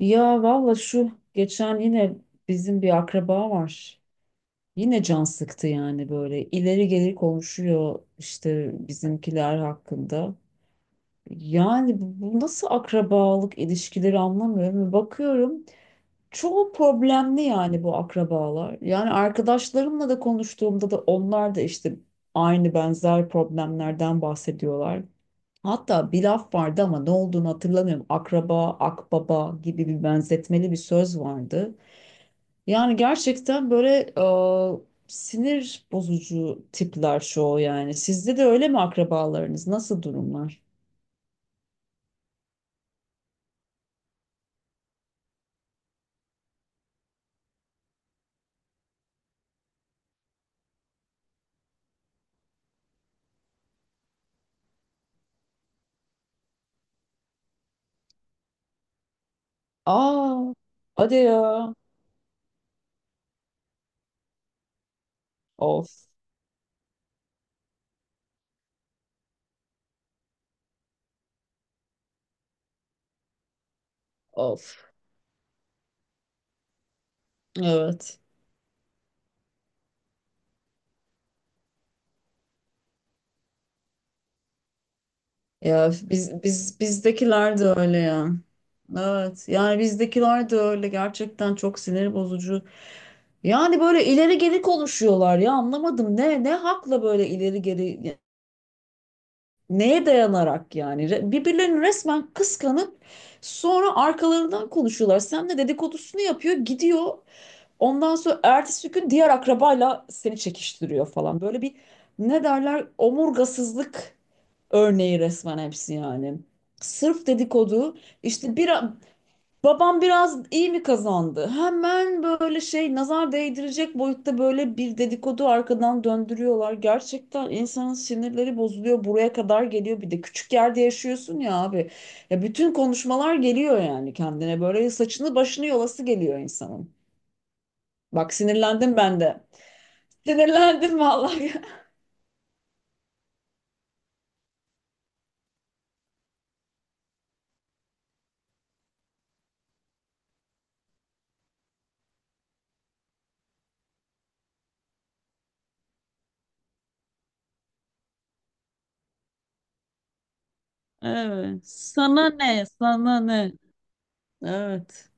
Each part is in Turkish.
Ya valla şu geçen yine bizim bir akraba var. Yine can sıktı yani böyle ileri geri konuşuyor işte bizimkiler hakkında. Yani bu nasıl akrabalık ilişkileri anlamıyorum. Bakıyorum çoğu problemli yani bu akrabalar. Yani arkadaşlarımla da konuştuğumda da onlar da işte aynı benzer problemlerden bahsediyorlar. Hatta bir laf vardı ama ne olduğunu hatırlamıyorum. Akraba, akbaba gibi bir benzetmeli bir söz vardı. Yani gerçekten böyle sinir bozucu tipler çoğu yani. Sizde de öyle mi akrabalarınız? Nasıl durumlar? Aa, hadi ya. Of, of. Evet. Ya bizdekiler de öyle ya. Evet yani bizdekiler de öyle gerçekten çok sinir bozucu. Yani böyle ileri geri konuşuyorlar ya, anlamadım ne hakla böyle ileri geri, neye dayanarak yani. Birbirlerini resmen kıskanıp sonra arkalarından konuşuyorlar. Sen de dedikodusunu yapıyor gidiyor. Ondan sonra ertesi gün diğer akrabayla seni çekiştiriyor falan. Böyle bir, ne derler, omurgasızlık örneği resmen hepsi yani. Sırf dedikodu işte. Bir babam biraz iyi mi kazandı? Hemen böyle şey, nazar değdirecek boyutta böyle bir dedikodu arkadan döndürüyorlar. Gerçekten insanın sinirleri bozuluyor. Buraya kadar geliyor, bir de küçük yerde yaşıyorsun ya abi. Ya bütün konuşmalar geliyor yani, kendine böyle saçını başını yolası geliyor insanın. Bak sinirlendim ben de. Sinirlendim vallahi. Evet. Sana ne? Sana ne? Evet.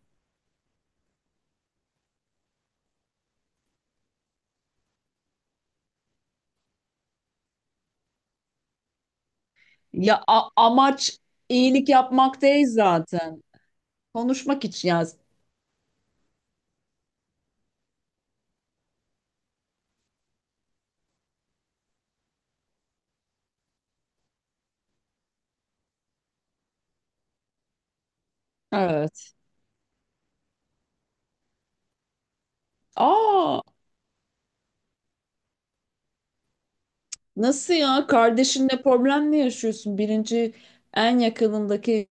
Ya amaç iyilik yapmak değil zaten. Konuşmak için yaz. Evet. Aa, nasıl ya? Kardeşinle problem mi yaşıyorsun? Birinci, en yakınındaki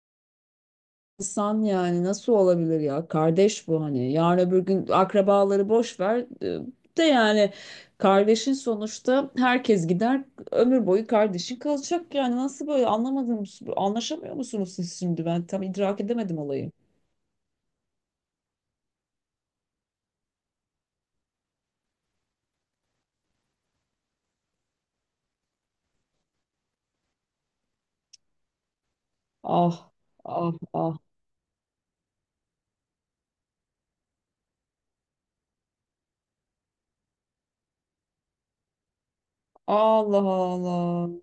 İnsan yani, nasıl olabilir ya? Kardeş bu hani. Yarın öbür gün akrabaları boş ver. De yani, kardeşin sonuçta, herkes gider, ömür boyu kardeşin kalacak yani. Nasıl böyle anlamadım, anlaşamıyor musunuz siz şimdi? Ben tam idrak edemedim olayı. Ah, ah, ah. Allah Allah.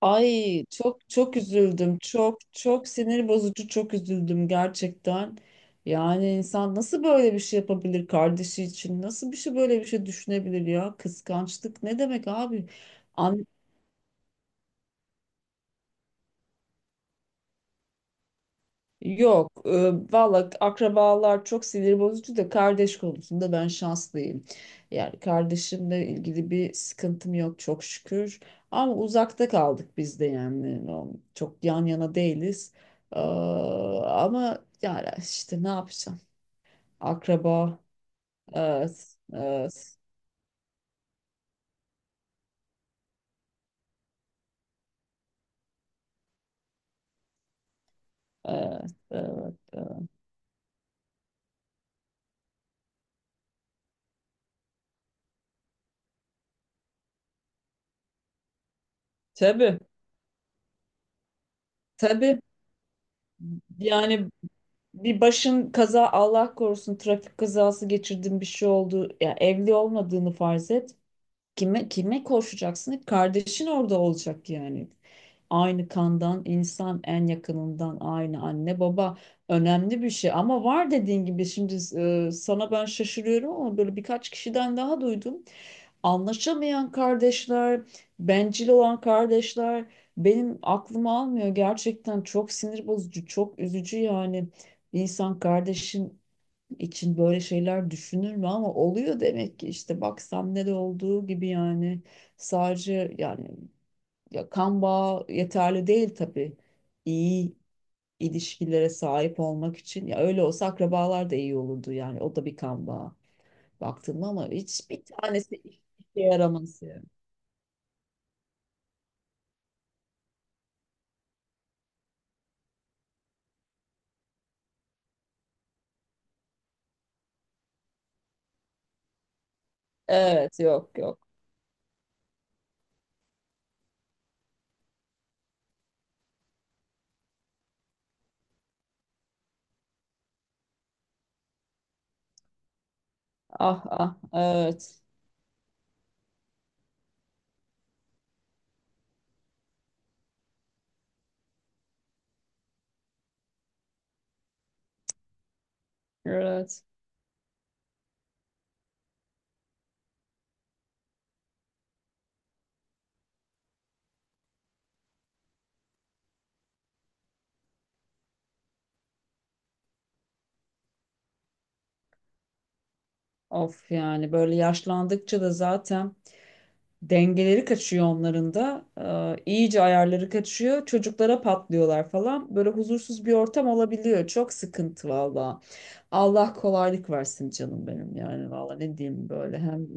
Ay çok çok üzüldüm. Çok çok sinir bozucu, çok üzüldüm gerçekten. Yani insan nasıl böyle bir şey yapabilir kardeşi için? Nasıl bir şey, böyle bir şey düşünebilir ya? Kıskançlık ne demek abi? Yok, valla akrabalar çok sinir bozucu da kardeş konusunda ben şanslıyım. Yani kardeşimle ilgili bir sıkıntım yok çok şükür. Ama uzakta kaldık biz de yani. O, çok yan yana değiliz. Ee, ama yani işte ne yapacağım? Akraba, evet, evet, evet, evet, evet. Tabii, tabii. Yani bir başın kaza, Allah korusun, trafik kazası geçirdin, bir şey oldu. Ya evli olmadığını farz et. Kime, kime koşacaksın? Hep kardeşin orada olacak yani. Aynı kandan insan, en yakınından, aynı anne baba, önemli bir şey. Ama var, dediğin gibi, şimdi sana ben şaşırıyorum ama böyle birkaç kişiden daha duydum. Anlaşamayan kardeşler, bencil olan kardeşler benim aklıma almıyor. Gerçekten çok sinir bozucu, çok üzücü yani. Bir insan kardeşin için böyle şeyler düşünür mü? Ama oluyor demek ki işte, bak ne de olduğu gibi yani. Sadece yani, ya kan bağı yeterli değil tabii. İyi ilişkilere sahip olmak için, ya öyle olsa akrabalar da iyi olurdu yani, o da bir kan bağı baktığında, ama hiç bir tanesi işe yaramaz. Evet, yok yok. Ah ah, evet. Evet. Of yani böyle yaşlandıkça da zaten dengeleri kaçıyor onların da. İyice ayarları kaçıyor. Çocuklara patlıyorlar falan. Böyle huzursuz bir ortam olabiliyor. Çok sıkıntı valla. Allah kolaylık versin canım benim. Yani valla ne diyeyim böyle, hem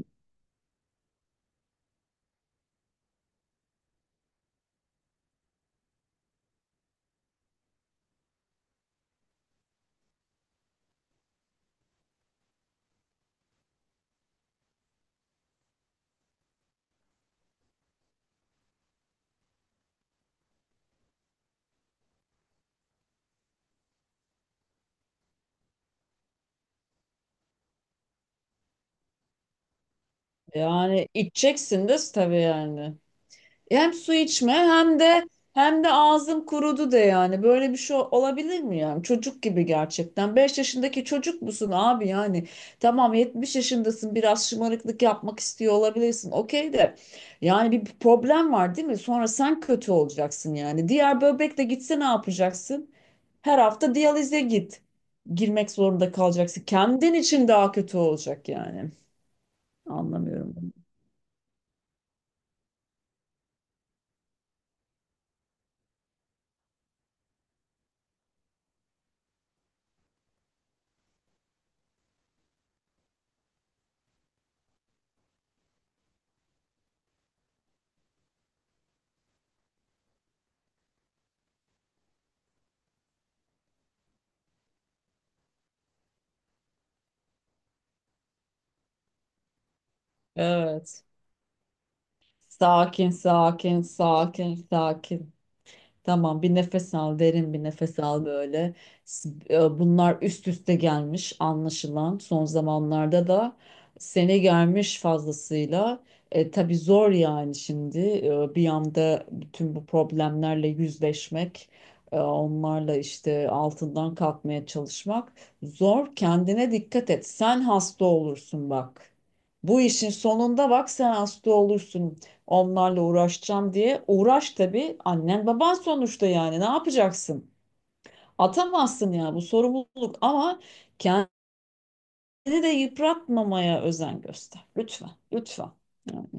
yani içeceksin de tabii yani. Hem su içme, hem de ağzım kurudu de yani. Böyle bir şey olabilir mi yani? Çocuk gibi gerçekten. 5 yaşındaki çocuk musun abi yani? Tamam, 70 yaşındasın, biraz şımarıklık yapmak istiyor olabilirsin, okey. De yani bir problem var, değil mi? Sonra sen kötü olacaksın yani. Diğer böbrek de gitse ne yapacaksın? Her hafta diyalize git. Girmek zorunda kalacaksın. Kendin için daha kötü olacak yani. Anlamıyorum bunu. Evet. Sakin, sakin, sakin, sakin. Tamam, bir nefes al, derin bir nefes al böyle. Bunlar üst üste gelmiş anlaşılan. Son zamanlarda da seni gelmiş fazlasıyla. Tabii zor yani şimdi, bir anda bütün bu problemlerle yüzleşmek, onlarla işte altından kalkmaya çalışmak zor. Kendine dikkat et. Sen hasta olursun bak. Bu işin sonunda bak, sen hasta olursun. Onlarla uğraşacağım diye uğraş, tabii annen baban sonuçta, yani ne yapacaksın? Atamazsın ya bu sorumluluk, ama kendini de yıpratmamaya özen göster. Lütfen, lütfen. Yani,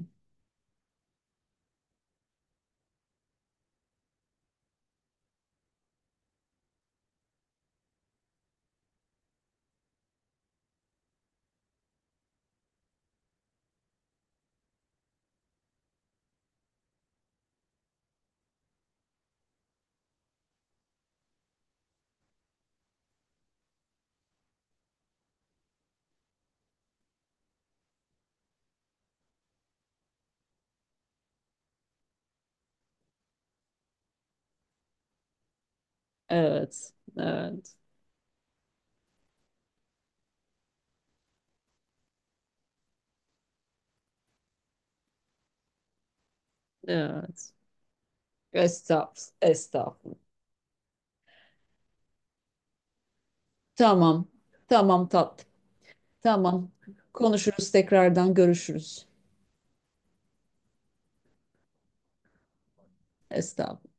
evet, evet, evet. Estağfurullah, estağfurullah. Tamam, tamam tatlım, tamam. Konuşuruz, tekrardan görüşürüz. Estağfurullah.